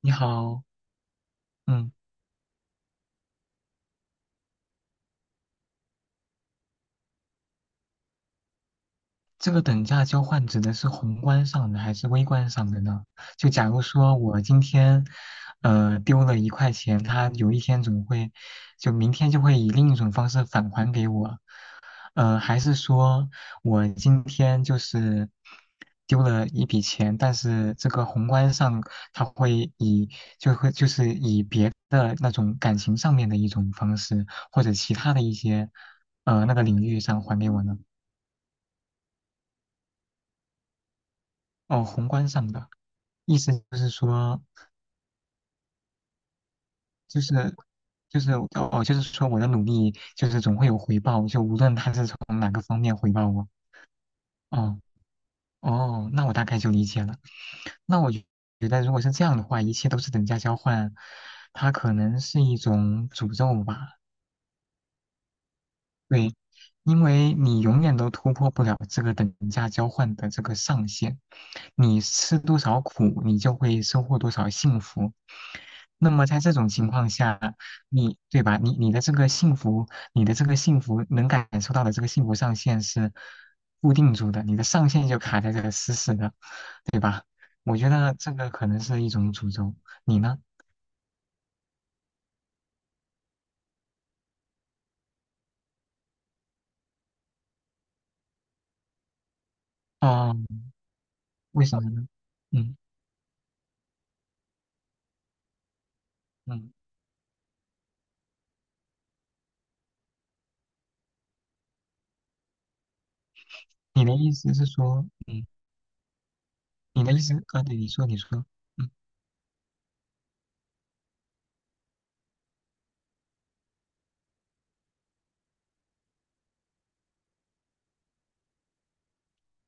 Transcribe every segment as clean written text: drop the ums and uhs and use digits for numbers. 你好，嗯，这个等价交换指的是宏观上的还是微观上的呢？就假如说我今天，丢了1块钱，它有一天总会，就明天就会以另一种方式返还给我，还是说我今天就是丢了一笔钱，但是这个宏观上它会以就会就是以别的那种感情上面的一种方式，或者其他的一些，那个领域上还给我呢？哦，宏观上的意思就是说，就是就是哦，就是说我的努力就是总会有回报，就无论他是从哪个方面回报我。哦哦，那我大概就理解了。那我觉得如果是这样的话，一切都是等价交换，它可能是一种诅咒吧。对，因为你永远都突破不了这个等价交换的这个上限，你吃多少苦，你就会收获多少幸福。那么在这种情况下，你对吧？你的这个幸福，你的这个幸福能感受到的这个幸福上限是固定住的，你的上限就卡在这个死死的，对吧？我觉得这个可能是一种诅咒。你呢？哦，为什么呢？嗯嗯，你的意思是说，嗯。你的意思啊？对，你说，嗯，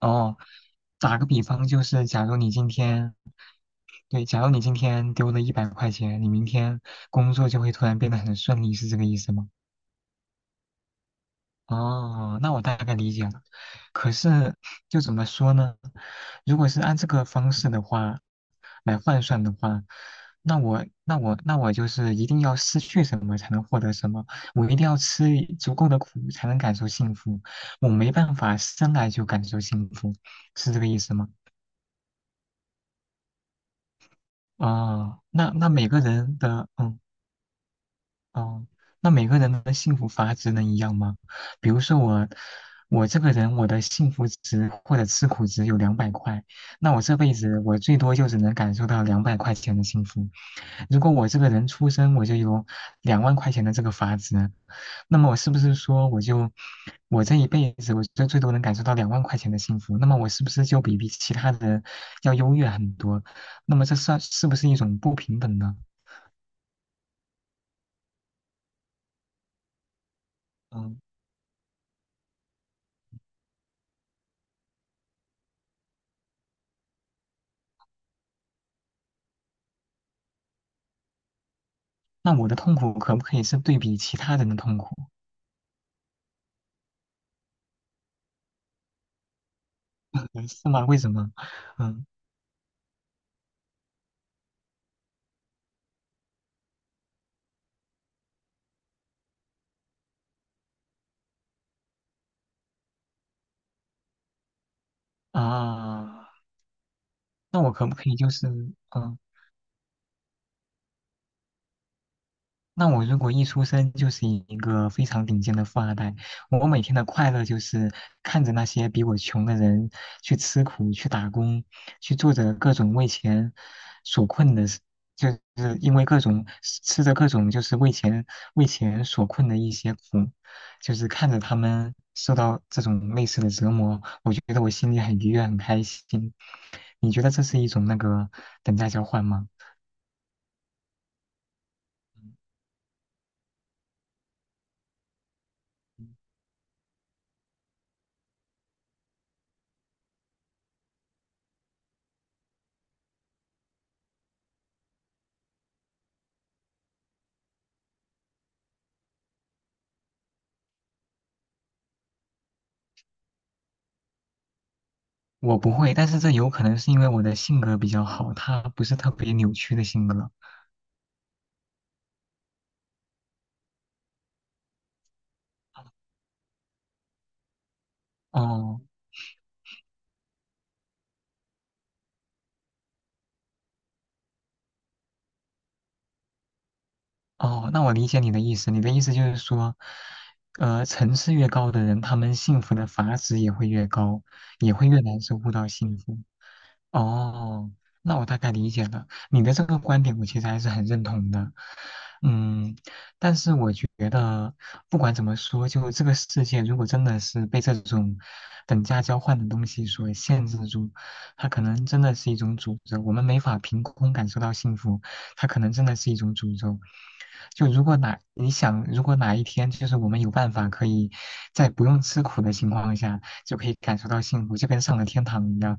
哦，打个比方，就是假如你今天，对，假如你今天丢了100块钱，你明天工作就会突然变得很顺利，是这个意思吗？哦，那我大概理解了。可是，就怎么说呢？如果是按这个方式的话，来换算的话，那我就是一定要失去什么才能获得什么，我一定要吃足够的苦才能感受幸福，我没办法生来就感受幸福，是这个意思吗？哦，那每个人的。哦，那每个人的幸福阀值能一样吗？比如说我，我这个人我的幸福值或者吃苦值有两百块，那我这辈子我最多就只能感受到200块钱的幸福。如果我这个人出生我就有两万块钱的这个阀值，那么我是不是说我这一辈子我就最多能感受到两万块钱的幸福？那么我是不是就比其他人要优越很多？那么这算是不是一种不平等呢？嗯。那我的痛苦可不可以是对比其他人的痛苦？是吗？为什么？嗯啊，那我可不可以就是嗯那我如果一出生就是一个非常顶尖的富二代，我每天的快乐就是看着那些比我穷的人去吃苦、去打工、去做着各种为钱所困的事，就是因为各种吃着各种就是为钱所困的一些苦，就是看着他们受到这种类似的折磨，我觉得我心里很愉悦、很开心。你觉得这是一种那个等价交换吗？我不会，但是这有可能是因为我的性格比较好，他不是特别扭曲的性格。哦哦，那我理解你的意思。你的意思就是说，层次越高的人，他们幸福的阀值也会越高，也会越难收获到幸福。哦，那我大概理解了你的这个观点，我其实还是很认同的。嗯，但是我觉得不管怎么说，就这个世界如果真的是被这种等价交换的东西所限制住，它可能真的是一种诅咒。我们没法凭空感受到幸福，它可能真的是一种诅咒。就如果哪你想，如果哪一天就是我们有办法可以在不用吃苦的情况下就可以感受到幸福，就跟上了天堂一样。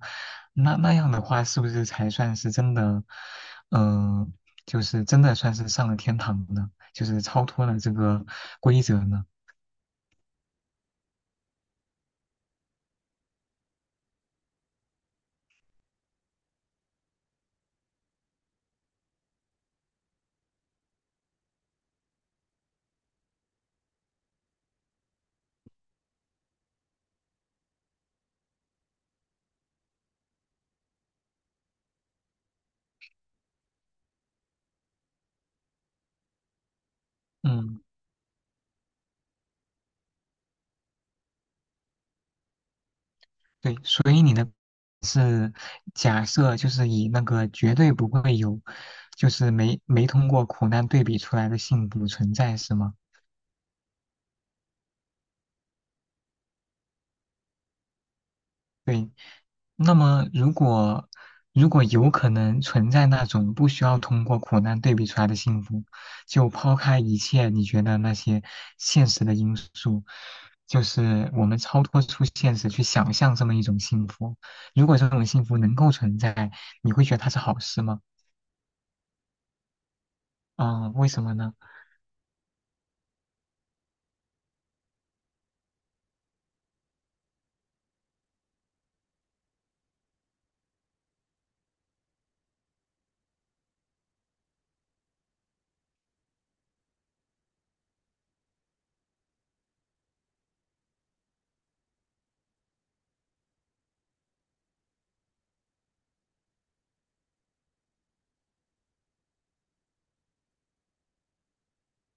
那那样的话，是不是才算是真的，嗯、就是真的算是上了天堂呢？就是超脱了这个规则呢？嗯，对，所以你的是假设，就是以那个绝对不会有，就是没通过苦难对比出来的幸福存在，是吗？对，那么，如果有可能存在那种不需要通过苦难对比出来的幸福，就抛开一切你觉得那些现实的因素，就是我们超脱出现实去想象这么一种幸福。如果这种幸福能够存在，你会觉得它是好事吗？嗯，为什么呢？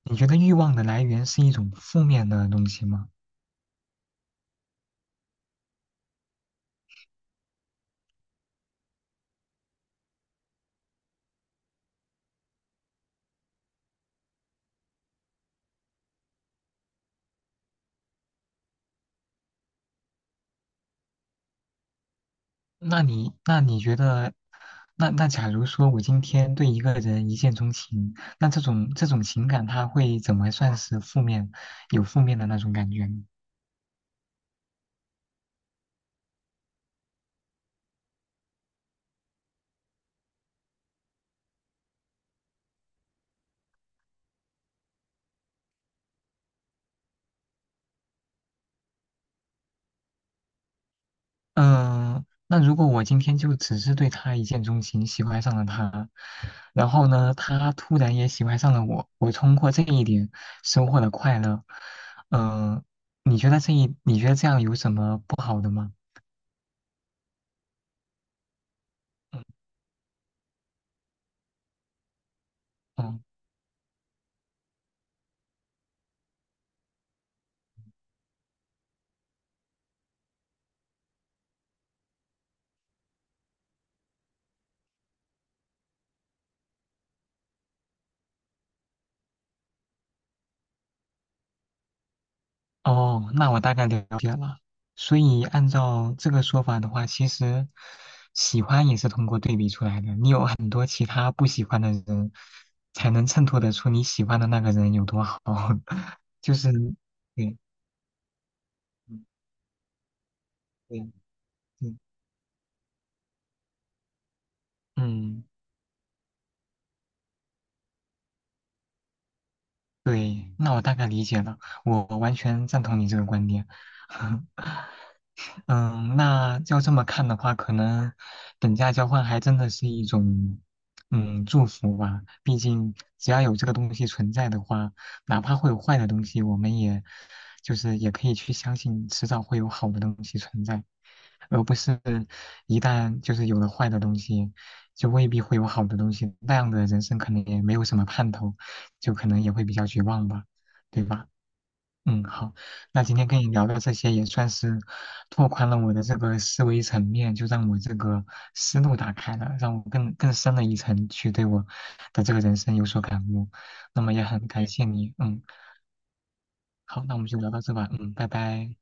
你觉得欲望的来源是一种负面的东西吗？那你觉得，那假如说我今天对一个人一见钟情，那这种情感，它会怎么算是负面，有负面的那种感觉呢？嗯、那如果我今天就只是对他一见钟情，喜欢上了他，然后呢，他突然也喜欢上了我，我通过这一点收获了快乐，嗯、你觉得这样有什么不好的吗？嗯嗯。哦，那我大概了解了。所以按照这个说法的话，其实喜欢也是通过对比出来的。你有很多其他不喜欢的人，才能衬托得出你喜欢的那个人有多好。就是，对，嗯对，嗯，嗯，对。那我大概理解了，我完全赞同你这个观点。嗯，那要这么看的话，可能等价交换还真的是一种祝福吧。毕竟只要有这个东西存在的话，哪怕会有坏的东西，我们也就是也可以去相信，迟早会有好的东西存在，而不是一旦就是有了坏的东西，就未必会有好的东西。那样的人生可能也没有什么盼头，就可能也会比较绝望吧，对吧？嗯，好，那今天跟你聊的这些也算是拓宽了我的这个思维层面，就让我这个思路打开了，让我更深了一层去对我的这个人生有所感悟。那么也很感谢你，嗯，好，那我们就聊到这吧，嗯，拜拜。